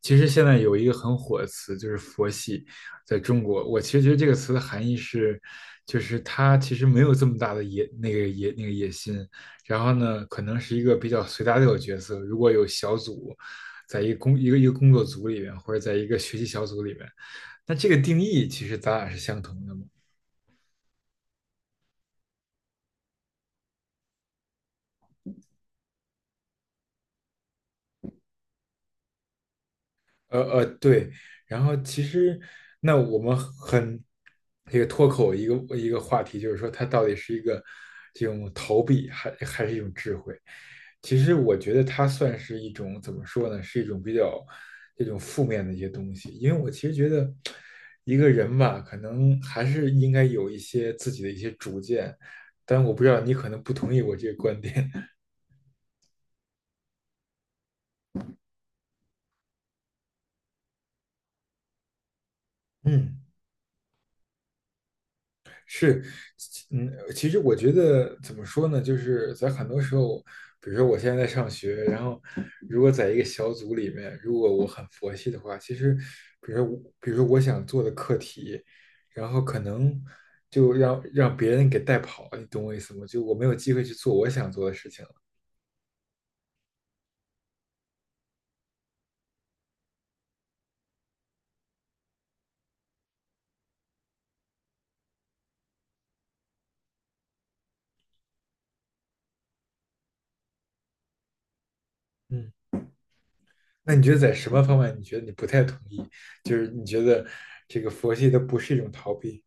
其实现在有一个很火的词，就是佛系，在中国，我其实觉得这个词的含义是，就是他其实没有这么大的野那个野那个野心，然后呢，可能是一个比较随大流的角色。如果有小组，在一个工作组里面，或者在一个学习小组里面，那这个定义其实咱俩是相同的嘛。对，然后其实那我们很这个脱口一个一个话题，就是说它到底是一个这种逃避，还是一种智慧？其实我觉得它算是一种怎么说呢？是一种比较这种负面的一些东西，因为我其实觉得一个人吧，可能还是应该有一些自己的一些主见，但我不知道你可能不同意我这个观点，嗯。是，嗯，其实我觉得怎么说呢，就是在很多时候，比如说我现在在上学，然后如果在一个小组里面，如果我很佛系的话，其实，比如说我，比如说我想做的课题，然后可能就让别人给带跑，你懂我意思吗？就我没有机会去做我想做的事情了。嗯，那你觉得在什么方面，你觉得你不太同意？就是你觉得这个佛系它不是一种逃避？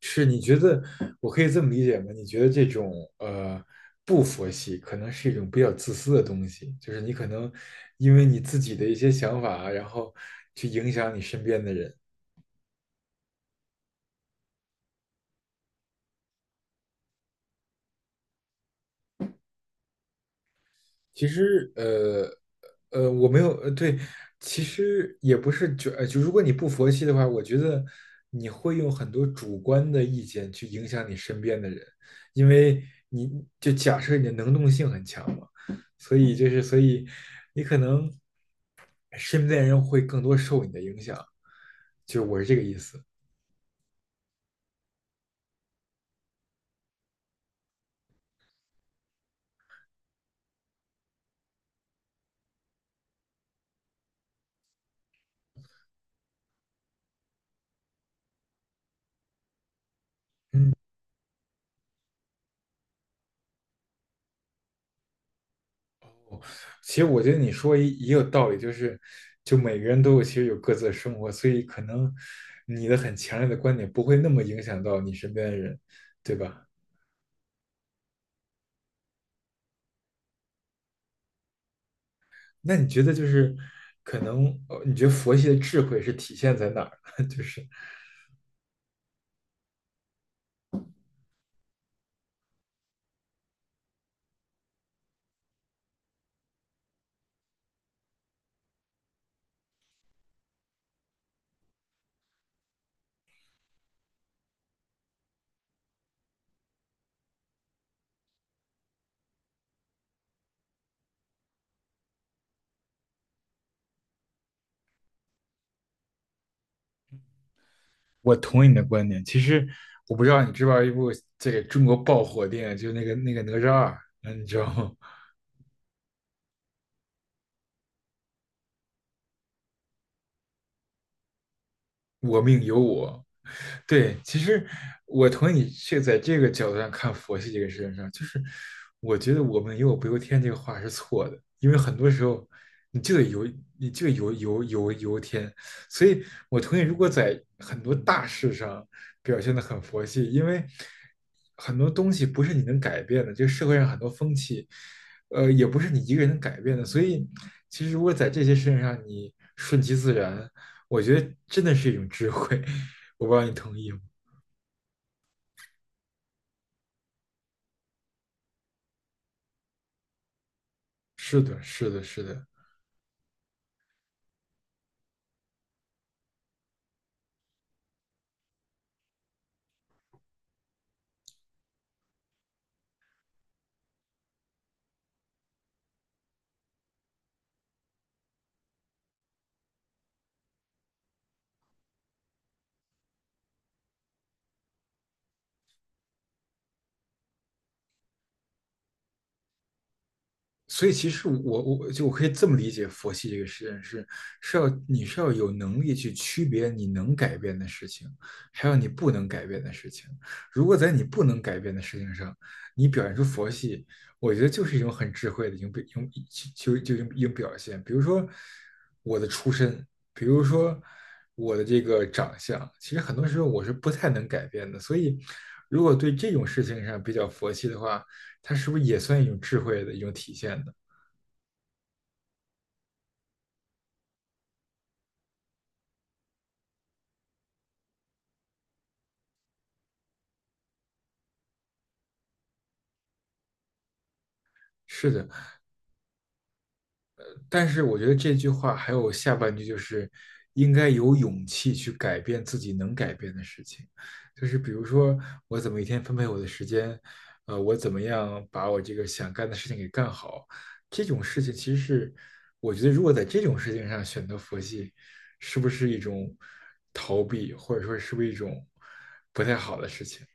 是你觉得我可以这么理解吗？你觉得这种呃不佛系可能是一种比较自私的东西，就是你可能因为你自己的一些想法啊，然后去影响你身边的人。其实，我没有，对，其实也不是就，就如果你不佛系的话，我觉得你会用很多主观的意见去影响你身边的人，因为你就假设你的能动性很强嘛，所以你可能身边人会更多受你的影响，就我是这个意思，嗯。其实我觉得你说也有道理，就是就每个人都有其实有各自的生活，所以可能你的很强烈的观点不会那么影响到你身边的人，对吧？那你觉得就是可能你觉得佛系的智慧是体现在哪儿呢？就是我同意你的观点，其实我不知道你知不知道一部这个中国爆火电影，就是那个哪吒二，嗯，你知道吗？我命由我，对，其实我同意你这在这个角度上看佛系这个事情上，就是我觉得我们"有我不由天"这个话是错的，因为很多时候你就得由你就得由由天，所以我同意，如果在很多大事上表现得很佛系，因为很多东西不是你能改变的，就社会上很多风气，也不是你一个人能改变的，所以其实如果在这些事情上你顺其自然，我觉得真的是一种智慧，我不知道你同意吗？是的，是的，是的，所以其实我就我可以这么理解佛系这个实验是是要你是要有能力去区别你能改变的事情，还有你不能改变的事情。如果在你不能改变的事情上，你表现出佛系，我觉得就是一种很智慧的一种表一种一种表现。比如说我的出身，比如说我的这个长相，其实很多时候我是不太能改变的。所以如果对这种事情上比较佛系的话，它是不是也算一种智慧的一种体现呢？是的，但是我觉得这句话还有下半句就是应该有勇气去改变自己能改变的事情，就是比如说我怎么一天分配我的时间，我怎么样把我这个想干的事情给干好，这种事情其实是我觉得如果在这种事情上选择佛系，是不是一种逃避，或者说是不是一种不太好的事情？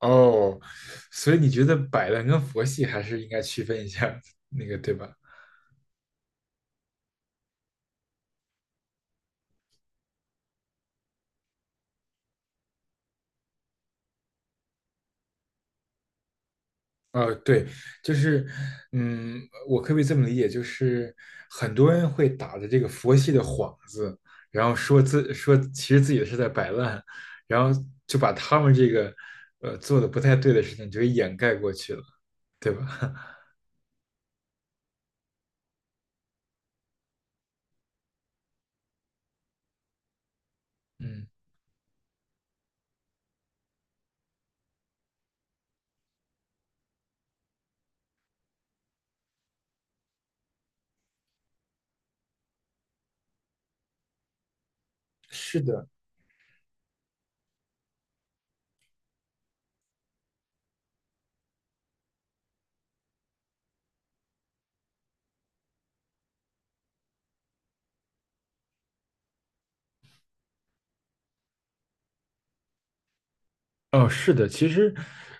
哦，所以你觉得摆烂跟佛系还是应该区分一下，那个对吧？对，就是，嗯，我可不可以这么理解？就是很多人会打着这个佛系的幌子，然后说自说其实自己是在摆烂，然后就把他们这个做的不太对的事情就给掩盖过去了，对吧？嗯，是的，哦，是的，其实，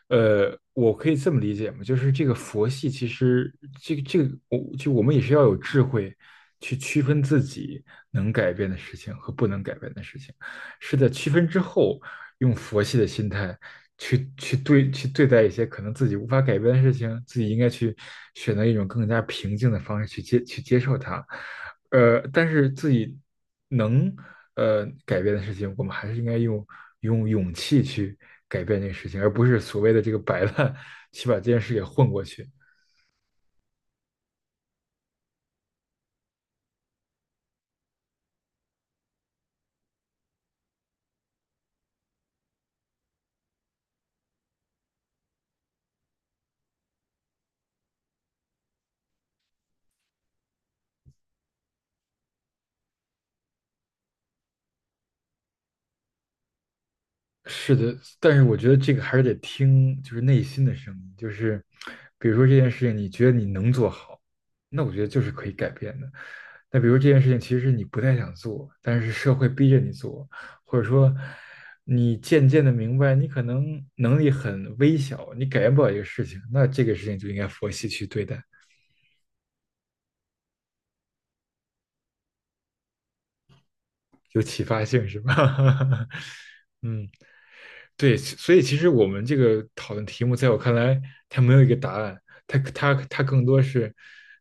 我可以这么理解嘛，就是这个佛系，其实我就我们也是要有智慧去区分自己能改变的事情和不能改变的事情。是在区分之后，用佛系的心态去对待一些可能自己无法改变的事情，自己应该去选择一种更加平静的方式去接受它。但是自己能改变的事情，我们还是应该用用勇气去改变这个事情，而不是所谓的这个摆烂 去把这件事给混过去。是的，但是我觉得这个还是得听，就是内心的声音，就是比如说这件事情，你觉得你能做好，那我觉得就是可以改变的。那比如这件事情其实你不太想做，但是社会逼着你做，或者说你渐渐的明白你可能能力很微小，你改变不了一个事情，那这个事情就应该佛系去对待，有启发性是吧？嗯。对，所以其实我们这个讨论题目，在我看来，它没有一个答案，它更多是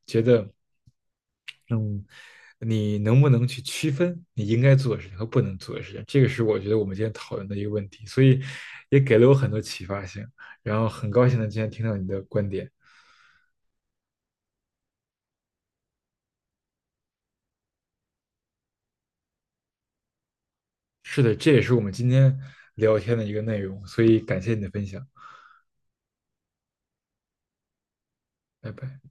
觉得，嗯，你能不能去区分你应该做的事情和不能做的事情，这个是我觉得我们今天讨论的一个问题，所以也给了我很多启发性，然后很高兴的今天听到你的观点，是的，这也是我们今天聊天的一个内容，所以感谢你的分享，拜拜。